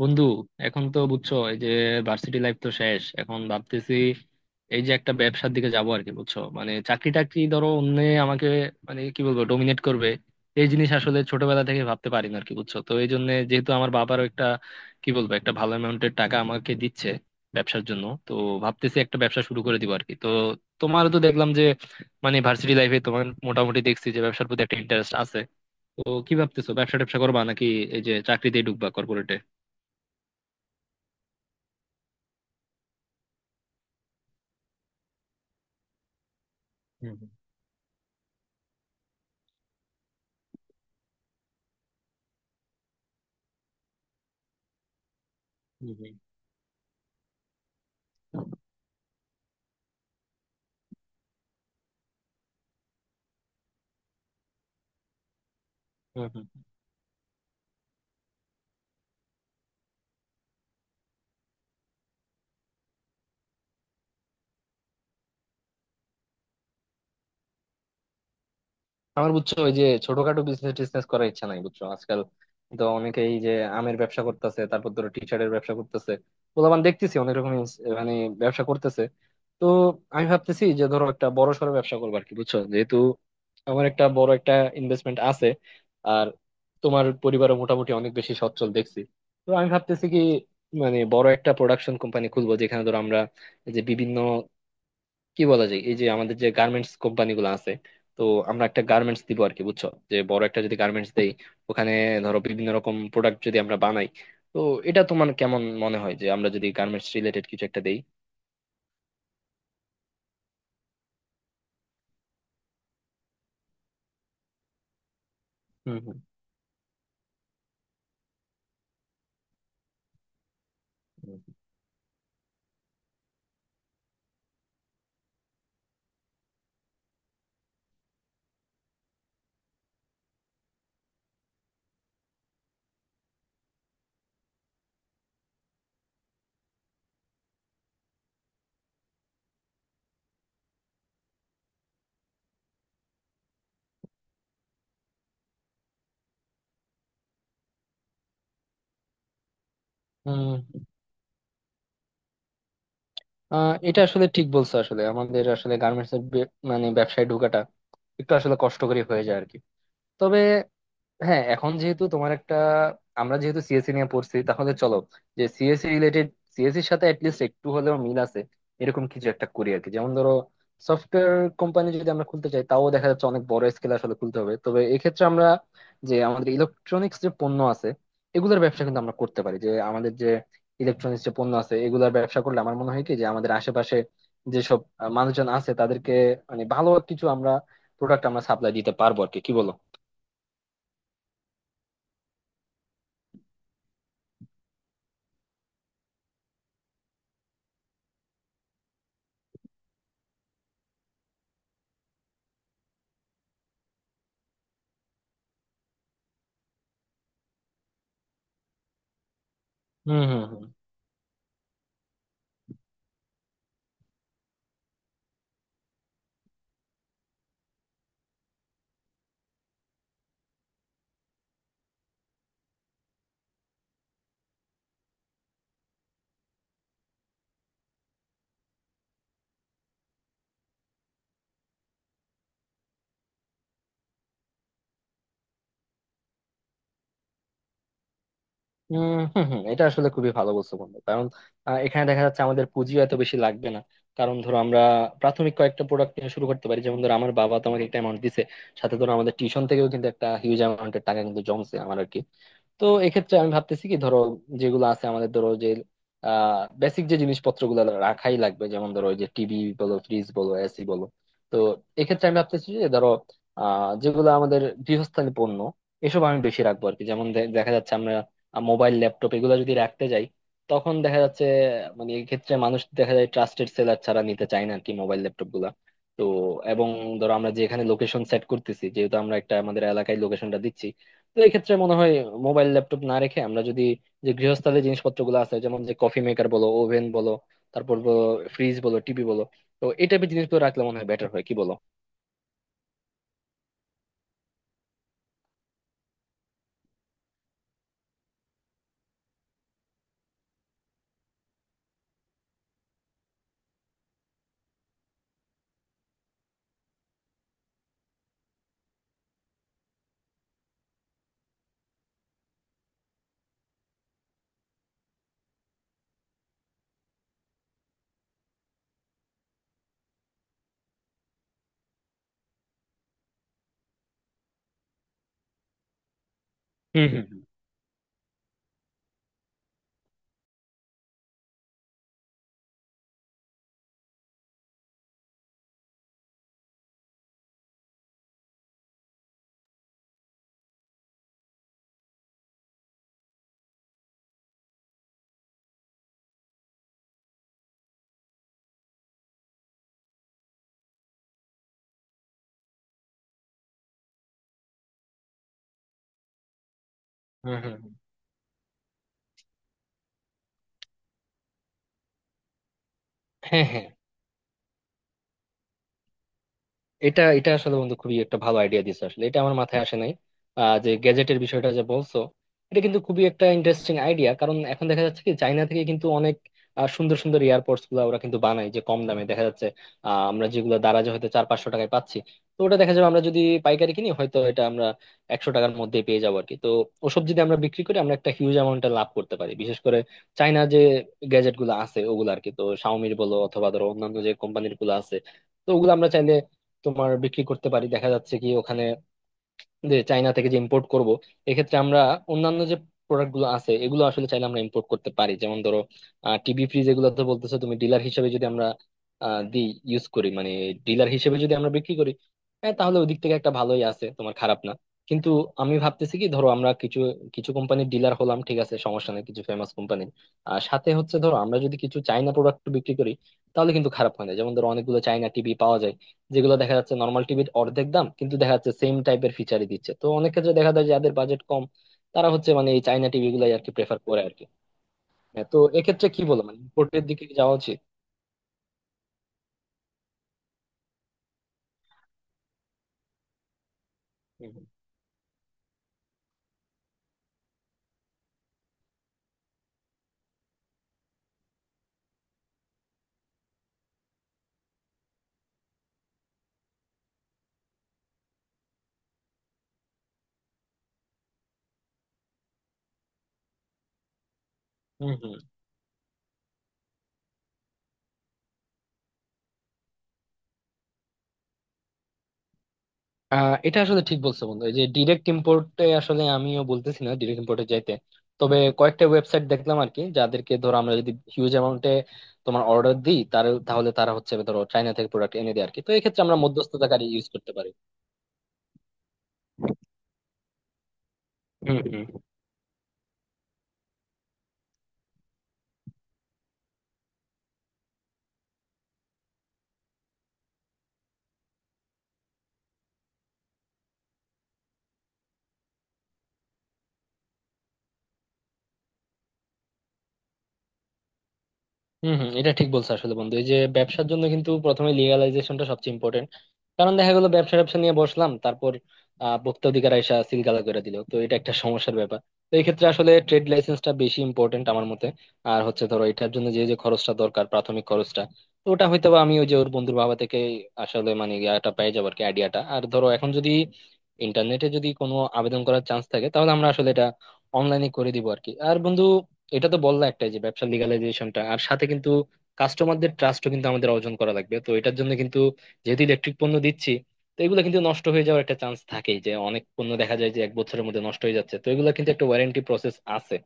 বন্ধু, এখন তো বুঝছো এই যে ভার্সিটি লাইফ তো শেষ। এখন ভাবতেছি এই যে একটা ব্যবসার দিকে যাবো আর কি, বুঝছো। মানে চাকরি টাকরি ধরো অন্য আমাকে মানে কি বলবো, ডোমিনেট করবে। এই জিনিস আসলে ছোটবেলা থেকে ভাবতে পারি না আর কি, বুঝছো। তো এই জন্য, যেহেতু আমার বাবারও একটা কি বলবো, একটা ভালো অ্যামাউন্টের টাকা আমাকে দিচ্ছে ব্যবসার জন্য, তো ভাবতেছি একটা ব্যবসা শুরু করে দিব আর কি। তো তোমারও তো দেখলাম যে, মানে ভার্সিটি লাইফে তোমার মোটামুটি দেখছি যে ব্যবসার প্রতি একটা ইন্টারেস্ট আছে। তো কি ভাবতেছো, ব্যবসা ট্যাবসা করবা নাকি এই যে চাকরিতেই ঢুকবা কর্পোরেটে? হুম হুম হুম হুম। আমার, বুঝছো, ওই যে ছোটখাটো বিজনেস টিজনেস করার ইচ্ছা নাই, বুঝছো। আজকাল তো অনেকেই যে আমের ব্যবসা করতেছে, তারপর ধরো টি শার্টের ব্যবসা করতেছে। পোলাপান দেখতেছি অনেক রকম মানে ব্যবসা করতেছে। তো আমি ভাবতেছি যে ধরো একটা বড় সড়ো ব্যবসা করবো আর কি, বুঝছো। যেহেতু আমার একটা বড় একটা ইনভেস্টমেন্ট আছে, আর তোমার পরিবারও মোটামুটি অনেক বেশি সচ্ছল দেখছি। তো আমি ভাবতেছি কি, মানে বড় একটা প্রোডাকশন কোম্পানি খুলবো, যেখানে ধরো আমরা এই যে বিভিন্ন কি বলা যায়, এই যে আমাদের যে গার্মেন্টস কোম্পানি গুলো আছে, তো আমরা একটা গার্মেন্টস দিব আর কি, বুঝছো। যে বড় একটা যদি গার্মেন্টস দেই ওখানে, ধরো বিভিন্ন রকম প্রোডাক্ট যদি আমরা বানাই, তো এটা তোমার কেমন মনে হয়, যে আমরা যদি গার্মেন্টস রিলেটেড কিছু একটা দেই? হুম হুম হুম হুম। হুম এটা আসলে ঠিক বলছো। আসলে আমাদের আসলে গার্মেন্টস এর মানে ব্যবসায় ঢোকাটা একটু আসলে কষ্টকরই হয়ে যায় আর কি। তবে হ্যাঁ, এখন যেহেতু তোমার একটা, আমরা যেহেতু সিএসসি নিয়ে পড়ছি, তাহলে চলো যে সিএসসি রিলেটেড, সিএসসির সাথে অ্যাটলিস্ট একটু হলেও মিল আছে এরকম কিছু একটা করি আর কি। যেমন ধরো সফটওয়্যার কোম্পানি যদি আমরা খুলতে চাই, তাও দেখা যাচ্ছে অনেক বড় স্কেলে আসলে খুলতে হবে। তবে এক্ষেত্রে আমরা যে আমাদের ইলেকট্রনিক্স যে পণ্য আছে এগুলোর ব্যবসা কিন্তু আমরা করতে পারি। যে আমাদের যে ইলেকট্রনিক্স যে পণ্য আছে এগুলোর ব্যবসা করলে আমার মনে হয় কি, যে আমাদের আশেপাশে যেসব মানুষজন আছে তাদেরকে মানে ভালো কিছু আমরা প্রোডাক্ট আমরা সাপ্লাই দিতে পারবো আর কি। কি বলো? হম হম। হম হম, এটা আসলে খুবই ভালো বলছো বন্ধু। কারণ এখানে দেখা যাচ্ছে আমাদের পুঁজিও এত বেশি লাগবে না। কারণ ধরো আমরা প্রাথমিক কয়েকটা প্রোডাক্ট নিয়ে শুরু করতে পারি। যেমন ধরো আমার বাবা তোমাকে একটা অ্যামাউন্ট দিছে, সাথে ধরো আমাদের টিউশন থেকেও কিন্তু একটা হিউজ অ্যামাউন্টের টাকা কিন্তু জমছে আমার আরকি। তো এক্ষেত্রে আমি ভাবতেছি কি, ধরো যেগুলো আছে আমাদের, ধরো যে বেসিক যে জিনিসপত্র গুলো রাখাই লাগবে, যেমন ধরো ওই যে টিভি বলো, ফ্রিজ বলো, এসি বলো। তো এক্ষেত্রে আমি ভাবতেছি যে ধরো যেগুলো আমাদের গৃহস্থালী পণ্য, এসব আমি বেশি রাখবো আর কি। যেমন দেখা যাচ্ছে আমরা মোবাইল ল্যাপটপ এগুলো যদি রাখতে যাই, তখন দেখা যাচ্ছে মানে এই ক্ষেত্রে মানুষ দেখা যায় ট্রাস্টেড সেলার ছাড়া নিতে চায় না আর কি, মোবাইল ল্যাপটপ গুলা। তো এবং ধরো আমরা যে এখানে লোকেশন সেট করতেছি, যেহেতু আমরা একটা আমাদের এলাকায় লোকেশনটা দিচ্ছি, তো এক্ষেত্রে মনে হয় মোবাইল ল্যাপটপ না রেখে আমরা যদি যে গৃহস্থালী জিনিসপত্রগুলো আছে, যেমন যে কফি মেকার বলো, ওভেন বলো, তারপর ফ্রিজ বলো, টিভি বলো, তো এই টাইপের জিনিসগুলো রাখলে মনে হয় বেটার হয়। কি বলো? হুম হুম হুম হুম হুম হুম। হ্যাঁ হ্যাঁ, এটা এটা আসলে বন্ধু, খুবই একটা ভালো আইডিয়া দিছে। আসলে এটা আমার মাথায় আসে নাই, যে গ্যাজেটের বিষয়টা যে বলছো। এটা কিন্তু খুবই একটা ইন্টারেস্টিং আইডিয়া। কারণ এখন দেখা যাচ্ছে কি, চায়না থেকে কিন্তু অনেক সুন্দর সুন্দর এয়ারপডস গুলো ওরা কিন্তু বানায়, যে কম দামে দেখা যাচ্ছে। আমরা যেগুলো দারাজে হয়তো চার পাঁচশো টাকায় পাচ্ছি, তো ওটা দেখা যাবে আমরা যদি পাইকারি কিনি হয়তো এটা আমরা একশো টাকার মধ্যে পেয়ে যাবো আর কি। তো ওসব যদি আমরা বিক্রি করি আমরা একটা হিউজ অ্যামাউন্টে লাভ করতে পারি, বিশেষ করে চায়না যে গ্যাজেট গুলো আছে ওগুলো আর কি। তো শাওমির বলো অথবা ধরো অন্যান্য যে কোম্পানির গুলো আছে, তো ওগুলো আমরা চাইলে তোমার বিক্রি করতে পারি। দেখা যাচ্ছে কি ওখানে, যে চায়না থেকে যে ইম্পোর্ট করব, এক্ষেত্রে আমরা অন্যান্য যে প্রোডাক্ট গুলো আছে এগুলো আসলে চাইলে আমরা ইম্পোর্ট করতে পারি। যেমন ধরো টিভি ফ্রিজ এগুলো তো বলতেছো তুমি ডিলার হিসেবে, যদি আমরা দিই ইউজ করি মানে, ডিলার হিসেবে যদি আমরা বিক্রি করি, হ্যাঁ তাহলে ওদিক থেকে একটা ভালোই আছে, তোমার খারাপ না। কিন্তু আমি ভাবতেছি কি, ধরো আমরা কিছু কিছু কোম্পানির ডিলার হলাম, ঠিক আছে, সমস্যা নেই কিছু ফেমাস কোম্পানি। আর সাথে হচ্ছে ধরো আমরা যদি কিছু চাইনা প্রোডাক্ট বিক্রি করি তাহলে কিন্তু খারাপ হয় না। যেমন ধরো অনেকগুলো চাইনা টিভি পাওয়া যায় যেগুলো দেখা যাচ্ছে নর্মাল টিভির অর্ধেক দাম, কিন্তু দেখা যাচ্ছে সেম টাইপের ফিচারই দিচ্ছে। তো অনেক ক্ষেত্রে দেখা যায় যাদের বাজেট কম, তারা হচ্ছে মানে এই চাইনা টিভি গুলাই আর কি প্রেফার করে আর কি। হ্যাঁ, তো এক্ষেত্রে কি বলো, মানে ইম্পোর্টের দিকে কি যাওয়া উচিত? হুম হুম হুম, হুম। এটা আসলে ঠিক বলছো বন্ধু, এই যে ডিরেক্ট ইম্পোর্টে, আসলে আমিও বলতেছি না ডিরেক্ট ইম্পোর্টে যাইতে। তবে কয়েকটা ওয়েবসাইট দেখলাম আর কি, যাদেরকে ধরো আমরা যদি হিউজ অ্যামাউন্টে তোমার অর্ডার দিই, তার তাহলে তারা হচ্ছে ধরো চাইনা থেকে প্রোডাক্ট এনে দেয় আর কি। তো এক্ষেত্রে আমরা মধ্যস্থতাকারী ইউজ করতে পারি। হুম হুম। হম হম, এটা ঠিক বলছো আসলে বন্ধু, এই যে ব্যবসার জন্য কিন্তু প্রথমে লিগালাইজেশনটা সবচেয়ে ইম্পর্টেন্ট। কারণ দেখা গেলো ব্যবসা ব্যবসা নিয়ে বসলাম, তারপর ভোক্তা অধিকার আইসা সিলগালা করে দিল, তো এটা একটা সমস্যার ব্যাপার। তো এই ক্ষেত্রে আসলে ট্রেড লাইসেন্সটা বেশি ইম্পর্টেন্ট আমার মতে। আর হচ্ছে ধরো এটার জন্য যে যে খরচটা দরকার, প্রাথমিক খরচটা, তো ওটা হয়তো বা আমি ওই যে ওর বন্ধুর বাবা থেকে আসলে মানে ইয়াটা পেয়ে যাবো আর কি, আইডিয়াটা। আর ধরো এখন যদি ইন্টারনেটে যদি কোনো আবেদন করার চান্স থাকে তাহলে আমরা আসলে এটা অনলাইনে করে দিব আর কি। আর বন্ধু, এটা তো বললা একটাই যে ব্যবসা লিগালাইজেশনটা, আর সাথে কিন্তু কাস্টমারদের ট্রাস্টও কিন্তু আমাদের অর্জন করা লাগবে। তো এটার জন্য কিন্তু, যেহেতু ইলেকট্রিক পণ্য দিচ্ছি, তো এগুলো কিন্তু নষ্ট হয়ে যাওয়ার একটা চান্স থাকেই। যে অনেক পণ্য দেখা যায় যে এক বছরের মধ্যে নষ্ট হয়ে যাচ্ছে, তো এগুলো কিন্তু একটা ওয়ারেন্টি প্রসেস আছে।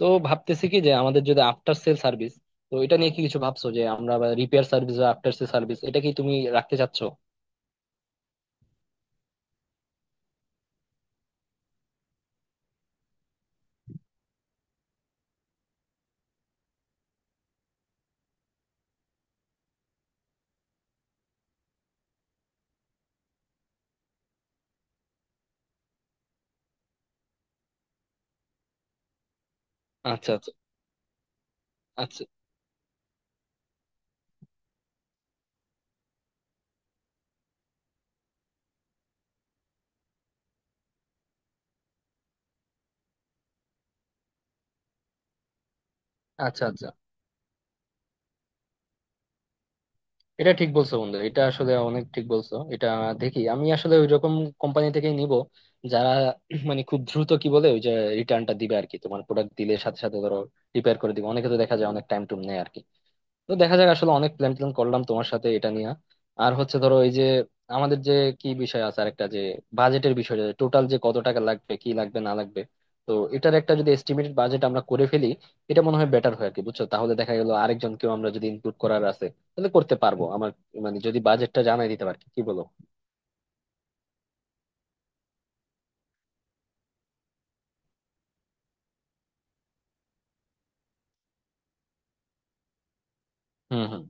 তো ভাবতেছি কি, যে আমাদের যদি আফটার সেল সার্ভিস, তো এটা নিয়ে কি কিছু ভাবছো, যে আমরা রিপেয়ার সার্ভিস বা আফটার সেল সার্ভিস এটা কি তুমি রাখতে চাচ্ছো? আচ্ছা আচ্ছা। আচ্ছা আচ্ছা আচ্ছা, এটা ঠিক বলছো বন্ধু, এটা আসলে অনেক ঠিক বলছো। এটা দেখি, আমি আসলে ওই রকম কোম্পানি থেকেই নিব, যারা মানে খুব দ্রুত কি বলে ওই যে রিটার্নটা দিবে আর কি। তোমার প্রোডাক্ট দিলে সাথে সাথে ধরো রিপেয়ার করে দিবে। অনেকে তো দেখা যায় অনেক টাইম টুম নেয় আর কি। তো দেখা যাক আসলে, অনেক প্ল্যান ট্যান করলাম তোমার সাথে এটা নিয়ে। আর হচ্ছে ধরো এই যে আমাদের যে কি বিষয় আছে আরেকটা, যে বাজেটের বিষয়, টোটাল যে কত টাকা লাগবে কি লাগবে না লাগবে। তো এটার একটা যদি এস্টিমেটেড বাজেট আমরা করে ফেলি, এটা মনে হয় বেটার হয় আর কি, বুঝছো। তাহলে দেখা গেল আরেকজনকেও আমরা যদি ইনক্লুড করার আছে তাহলে করতে পারবো আমার, মানে যদি বাজেটটা জানাই দিতে পারি। কি বলো? হুম হুম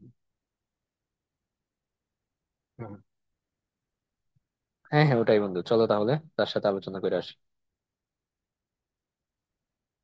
হুম। হ্যাঁ হ্যাঁ ওটাই বন্ধু, চলো তাহলে তার সাথে আলোচনা করে আসি।